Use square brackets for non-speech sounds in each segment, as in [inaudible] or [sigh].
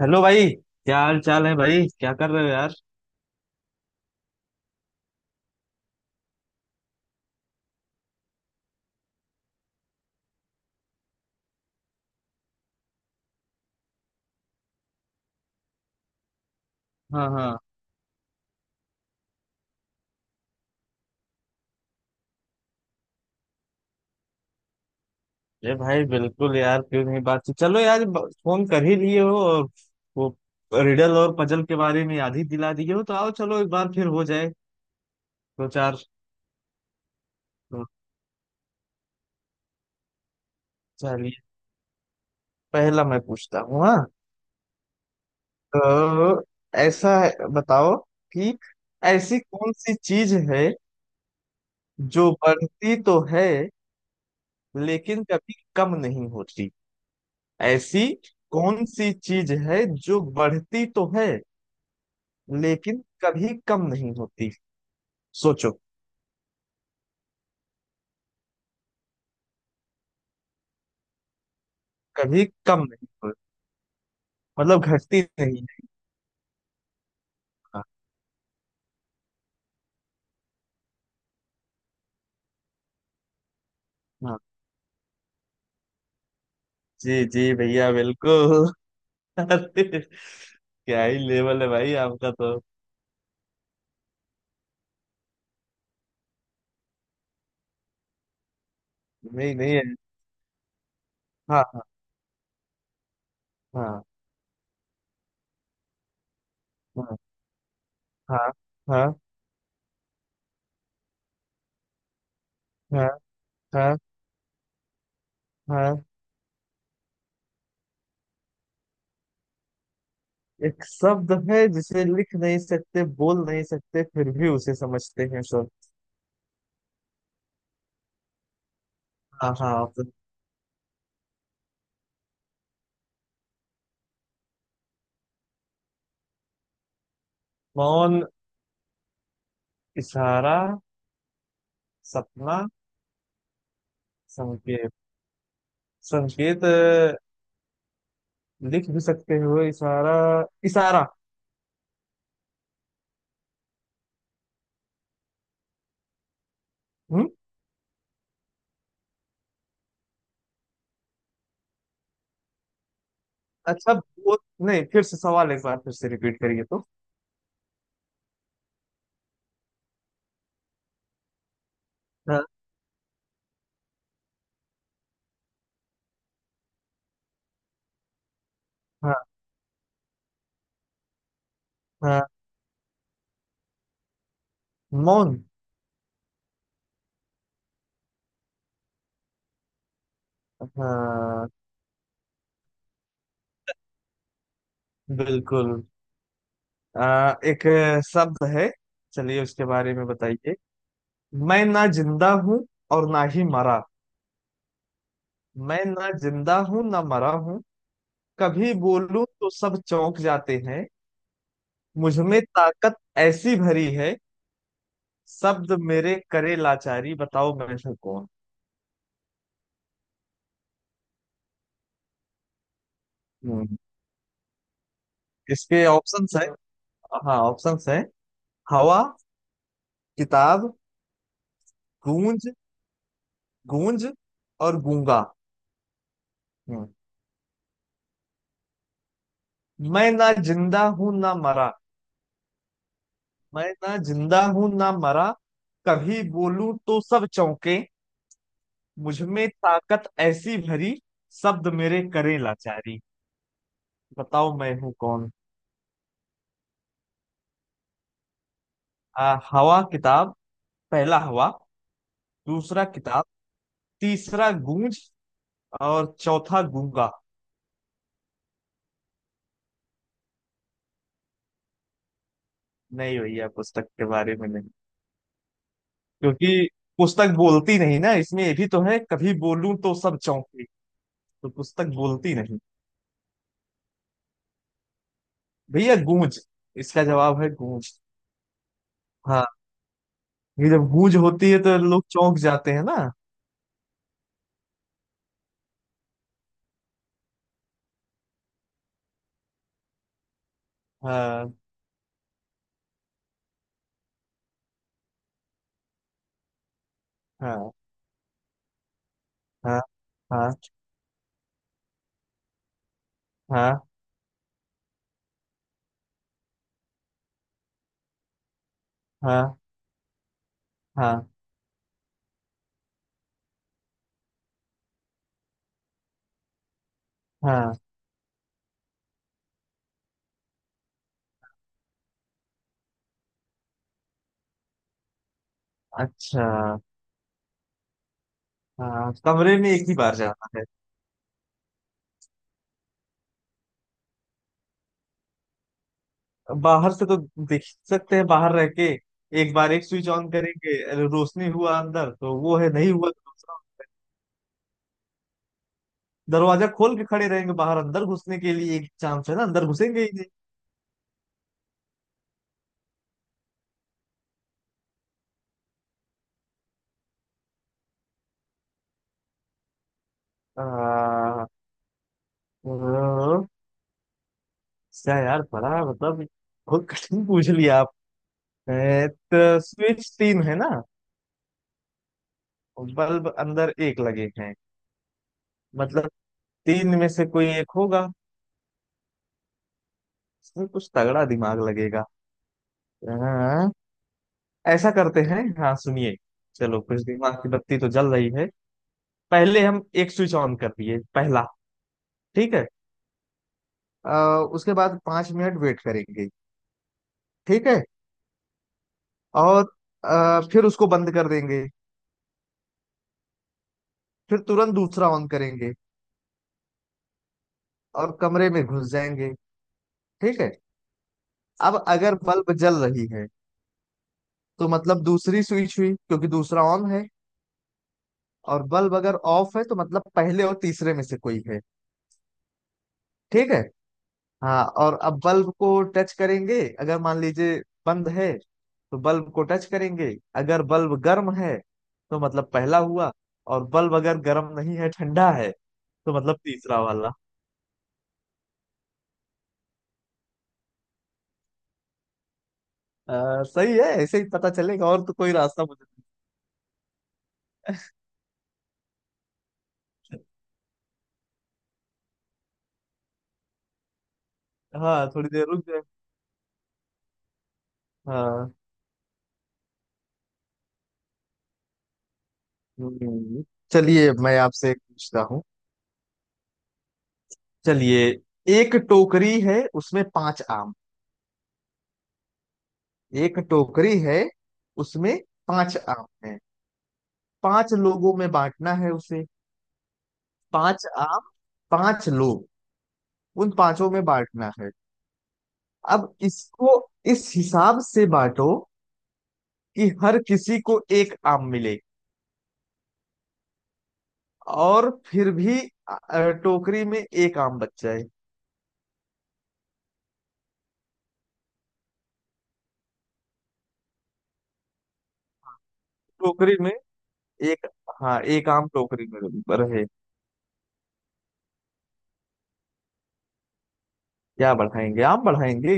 Hello भाई। क्या हाल चाल है भाई, क्या कर रहे हो यार? हाँ हाँ। अरे भाई बिल्कुल यार, क्यों नहीं बातचीत। चलो यार, फोन कर ही लिए हो और वो रिडल और पजल के बारे में याद ही दिला दिए हो, तो आओ चलो एक बार फिर हो जाए दो चार। तो चलिए, पहला मैं पूछता हूँ। हाँ, तो ऐसा है, बताओ कि ऐसी कौन सी चीज है जो बढ़ती तो है लेकिन कभी कम नहीं होती। ऐसी कौन सी चीज है जो बढ़ती तो है लेकिन कभी कम नहीं होती? सोचो। कभी कम नहीं होती मतलब घटती नहीं है। हाँ हाँ। जी जी भैया बिल्कुल। [laughs] अरे क्या ही लेवल है भाई आपका तो। नहीं नहीं है। हाँ हाँ। हाँ हाँ। हाँ हाँ। हाँ हाँ। हाँ। एक शब्द है जिसे लिख नहीं सकते, बोल नहीं सकते, फिर भी उसे समझते हैं सब। हाँ हाँ। तो मौन, इशारा, सपना, संकेत। संकेत। लिख भी सकते हो इशारा। इशारा। हम्म। अच्छा, वो नहीं, फिर से सवाल एक बार फिर से रिपीट करिए तो। हाँ हाँ। हाँ, मौन। हाँ, बिल्कुल। एक शब्द है, चलिए उसके बारे में बताइए। मैं ना जिंदा हूँ और ना ही मरा। मैं ना जिंदा हूँ ना मरा हूँ। कभी बोलूं तो सब चौंक जाते हैं। मुझ में ताकत ऐसी भरी है। शब्द मेरे करे लाचारी। बताओ मैं हूँ कौन? हम्म। इसके ऑप्शंस है। हाँ, ऑप्शंस है। हवा, किताब, गूंज। गूंज और गूंगा। हम्म। मैं ना जिंदा हूं ना मरा। मैं ना जिंदा हूं ना मरा। कभी बोलूं तो सब चौंके। मुझ में ताकत ऐसी भरी। शब्द मेरे करे लाचारी। बताओ मैं हूं कौन? हवा, किताब। पहला हवा, दूसरा किताब, तीसरा गूंज, और चौथा गूंगा। नहीं भैया, पुस्तक के बारे में नहीं। क्योंकि पुस्तक बोलती नहीं ना, इसमें ये भी तो है कभी बोलूं तो सब चौंके। तो पुस्तक बोलती नहीं। भैया गूंज, इसका जवाब है गूंज। हाँ, ये जब गूंज होती है तो लोग चौंक जाते हैं ना। हाँ हाँ। हाँ हाँ। हाँ हाँ। हाँ हाँ। अच्छा। हाँ, कमरे में एक ही बार जाना है। बाहर से तो देख सकते हैं, बाहर रह के एक बार एक स्विच ऑन करेंगे, अरे रोशनी हुआ अंदर तो वो है, नहीं हुआ। दरवाजा खोल के खड़े रहेंगे बाहर, अंदर घुसने के लिए एक चांस है ना, अंदर घुसेंगे ही नहीं। आ, ओ, क्या यार, बड़ा मतलब बहुत कठिन पूछ लिया आप। ए, तो स्विच तीन है ना? बल्ब अंदर एक लगे हैं। मतलब तीन में से कोई एक होगा। इसमें कुछ तगड़ा दिमाग लगेगा। हाँ, ऐसा करते हैं, हाँ सुनिए। चलो कुछ दिमाग की बत्ती तो जल रही है। पहले हम एक स्विच ऑन कर दिए, पहला। ठीक है। अ, उसके बाद 5 मिनट वेट करेंगे। ठीक है। और फिर उसको बंद कर देंगे। फिर तुरंत दूसरा ऑन करेंगे और कमरे में घुस जाएंगे। ठीक है। अब अगर बल्ब जल रही है तो मतलब दूसरी स्विच हुई, क्योंकि दूसरा ऑन है। और बल्ब अगर ऑफ है तो मतलब पहले और तीसरे में से कोई है। ठीक है। हाँ, और अब बल्ब को टच करेंगे। अगर मान लीजिए बंद है तो बल्ब को टच करेंगे, अगर बल्ब गर्म है तो मतलब पहला हुआ। और बल्ब अगर गर्म नहीं है, ठंडा है, तो मतलब तीसरा वाला। हाँ, सही है, ऐसे ही पता चलेगा, और तो कोई रास्ता मुझे नहीं- हाँ थोड़ी देर रुक जाए। हाँ। हम्म। चलिए, मैं आपसे एक पूछता हूँ। चलिए। एक टोकरी है, उसमें पांच आम। एक टोकरी है, उसमें पांच आम है। पांच लोगों में बांटना है उसे। पांच आम, पांच लोग, उन पांचों में बांटना है। अब इसको इस हिसाब से बांटो कि हर किसी को एक आम मिले, और फिर भी अ, टोकरी में एक आम बच जाए। टोकरी में एक। हाँ, एक आम टोकरी में रहे। क्या बढ़ाएंगे, आम बढ़ाएंगे?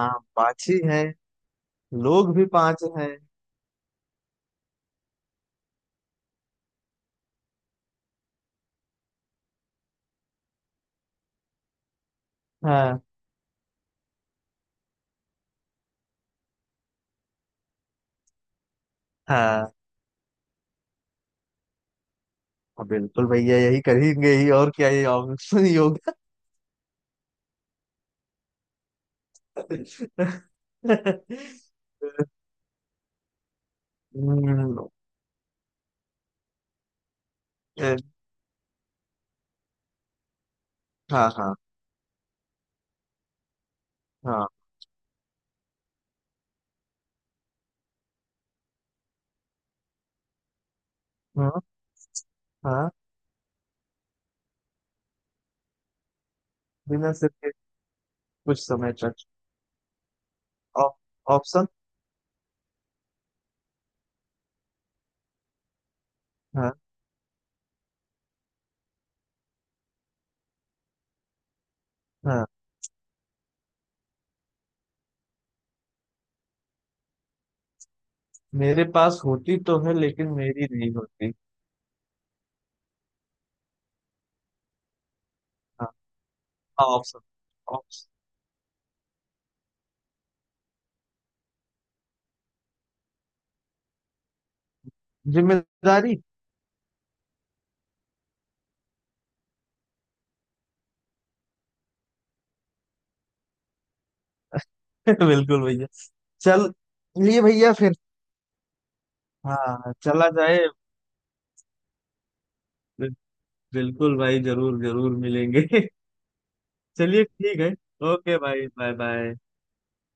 आम पाँच ही हैं, लोग भी पाँच हैं। हाँ हाँ। हाँ, बिल्कुल भैया, यही करेंगे ही और क्या, ये ऑप्शन योगा। [laughs] हम्म। ए, हाँ हाँ। हाँ हाँ। हाँ। बिना सिर के? कुछ समय तक? Op- option. हाँ हाँ। मेरे पास होती तो है लेकिन मेरी नहीं होती। हाँ, हाँ, ऑप्शन, ऑप्शन। जिम्मेदारी। [laughs] बिल्कुल भैया। चल लिए भैया फिर। हाँ, चला जाए। बिल्कुल भाई, जरूर जरूर मिलेंगे। [laughs] चलिए ठीक है। ओके भाई, बाय बाय।